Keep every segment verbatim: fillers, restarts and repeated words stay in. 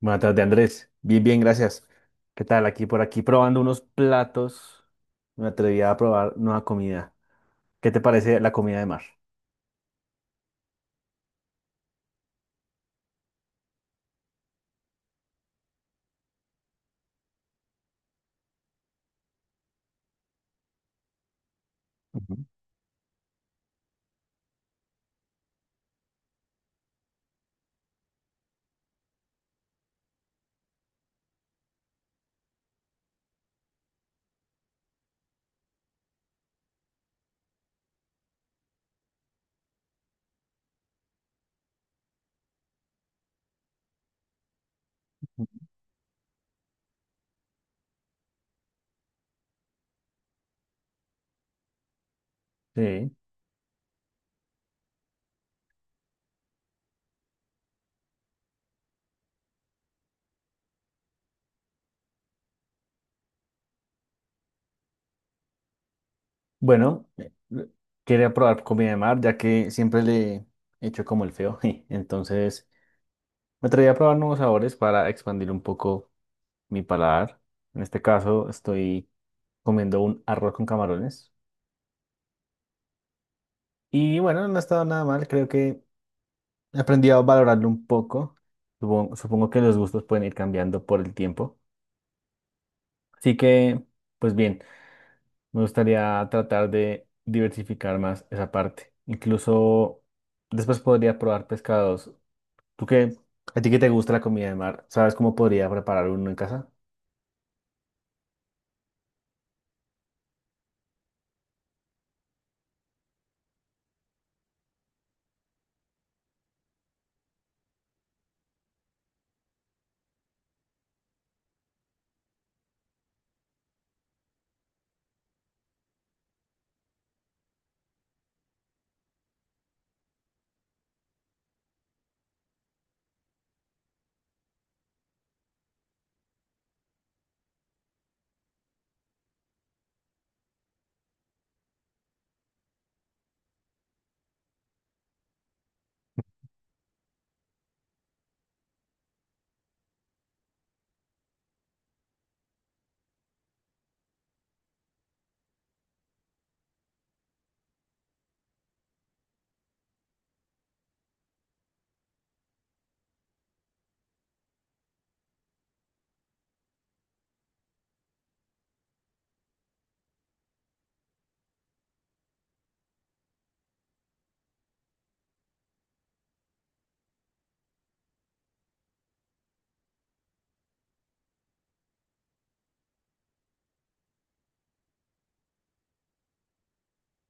Buenas tardes, Andrés. Bien, bien, gracias. ¿Qué tal? Aquí por aquí probando unos platos. Me atreví a probar nueva comida. ¿Qué te parece la comida de mar? Ujú. Sí. Bueno, eh, quería probar comida de mar, ya que siempre le he hecho como el feo. Entonces, me atreví a probar nuevos sabores para expandir un poco mi paladar. En este caso, estoy comiendo un arroz con camarones. Y bueno, no ha estado nada mal, creo que aprendí a valorarlo un poco. Supongo, supongo que los gustos pueden ir cambiando por el tiempo. Así que, pues bien, me gustaría tratar de diversificar más esa parte. Incluso después podría probar pescados. ¿Tú qué? ¿A ti qué te gusta la comida de mar? ¿Sabes cómo podría preparar uno en casa?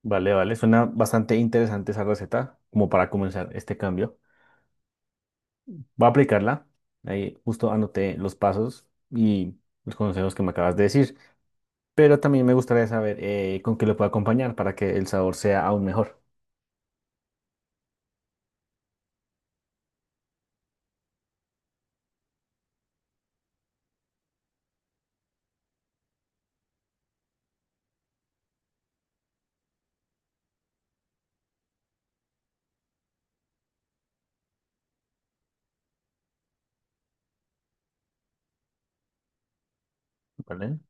Vale, vale, suena bastante interesante esa receta, como para comenzar este cambio. Voy a aplicarla. Ahí justo anoté los pasos y los consejos que me acabas de decir, pero también me gustaría saber, eh, con qué lo puedo acompañar para que el sabor sea aún mejor, ¿vale?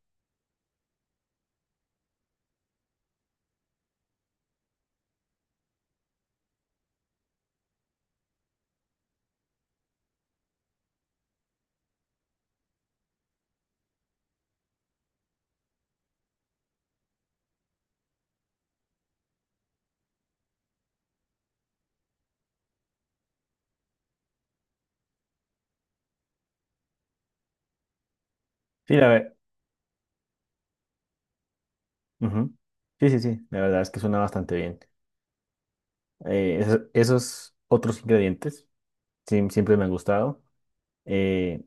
Sí, la ver. Ujú. Sí, sí, sí, la verdad es que suena bastante bien. Eh, eso- esos otros ingredientes sí, siempre me han gustado. eh,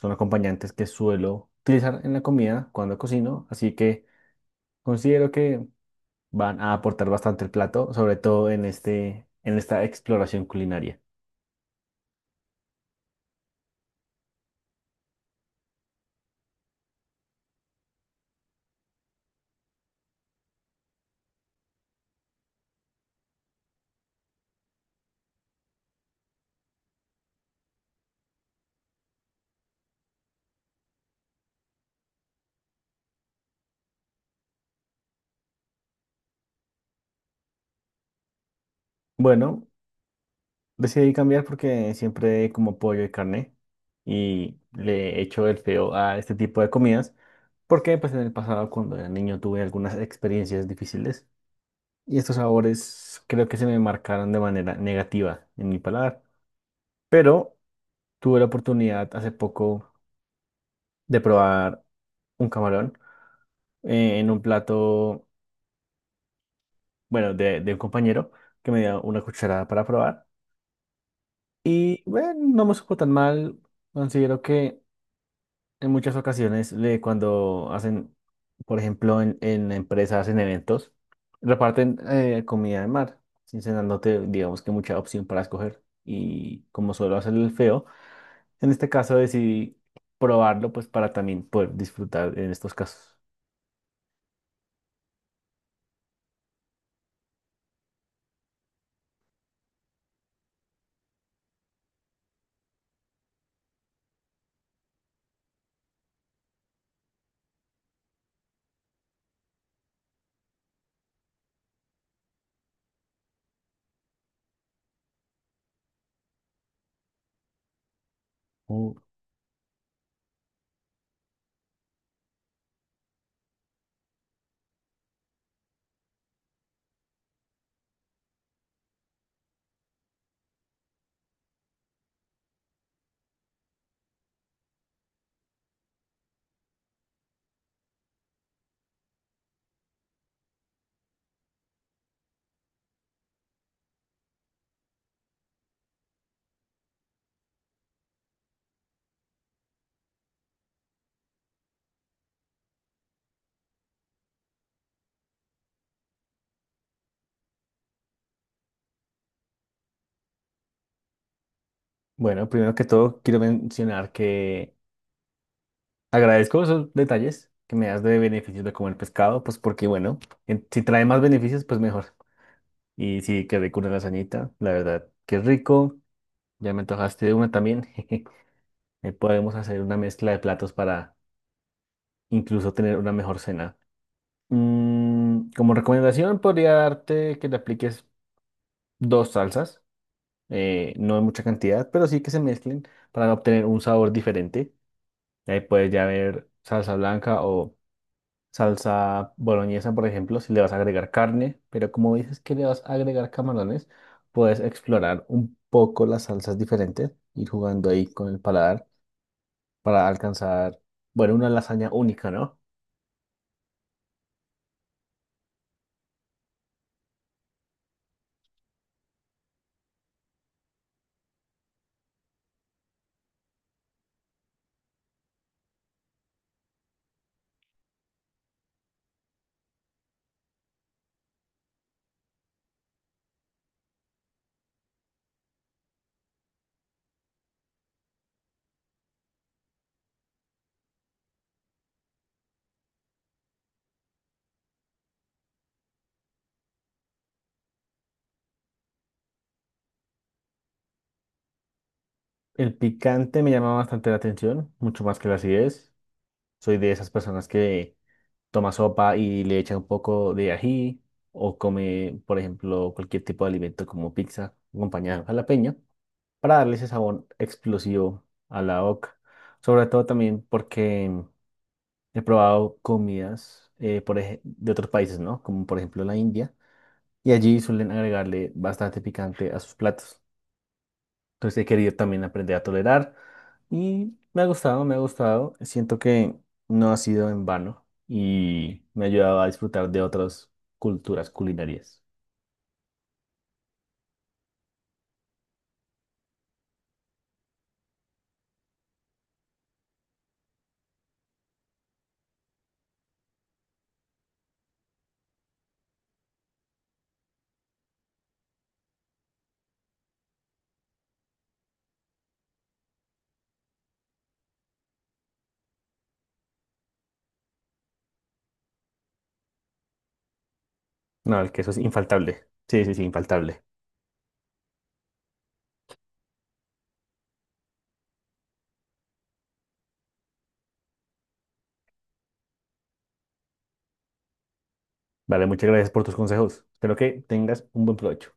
Son acompañantes que suelo utilizar en la comida cuando cocino, así que considero que van a aportar bastante el plato, sobre todo en este, en esta exploración culinaria. Bueno, decidí cambiar porque siempre como pollo y carne y le echo el feo a este tipo de comidas, porque pues en el pasado cuando era niño tuve algunas experiencias difíciles y estos sabores creo que se me marcaron de manera negativa en mi paladar. Pero tuve la oportunidad hace poco de probar un camarón, eh, en un plato, bueno, de, de un compañero que me dio una cucharada para probar y bueno, no me supo tan mal. Considero que en muchas ocasiones le- cuando hacen, por ejemplo, en, en empresas, hacen eventos, reparten eh, comida de mar, sin dándote, digamos, que mucha opción para escoger. Y como suelo hacer el feo, en este caso decidí probarlo pues para también poder disfrutar en estos casos. Mm. Bueno, primero que todo quiero mencionar que agradezco esos detalles que me das de beneficios de comer pescado, pues porque bueno, en- si trae más beneficios, pues mejor. Y sí, quedé rico una lasañita, la verdad, qué rico. Ya me antojaste de una también. Ahí podemos hacer una mezcla de platos para incluso tener una mejor cena. Mm, como recomendación, podría darte que le apliques dos salsas, eh, no en mucha cantidad, pero sí que se mezclen para obtener un sabor diferente. Ahí puedes ya ver salsa blanca o salsa boloñesa, por ejemplo, si le vas a agregar carne, pero como dices que le vas a agregar camarones, puedes explorar un poco las salsas diferentes, ir jugando ahí con el paladar para alcanzar, bueno, una lasaña única, ¿no? El picante me llama bastante la atención, mucho más que la acidez. Soy de esas personas que toma sopa y le echa un poco de ají o come, por ejemplo, cualquier tipo de alimento como pizza acompañada de jalapeño para darle ese sabor explosivo a la boca. Sobre todo también porque he probado comidas, eh, por ej- de otros países, ¿no? Como por ejemplo la India, y allí suelen agregarle bastante picante a sus platos. Entonces he querido también aprender a tolerar y me ha gustado, me ha gustado. Siento que no ha sido en vano y me ha ayudado a disfrutar de otras culturas culinarias. No, el queso es infaltable. Sí, sí, sí, infaltable. Vale, muchas gracias por tus consejos. Espero que tengas un buen provecho.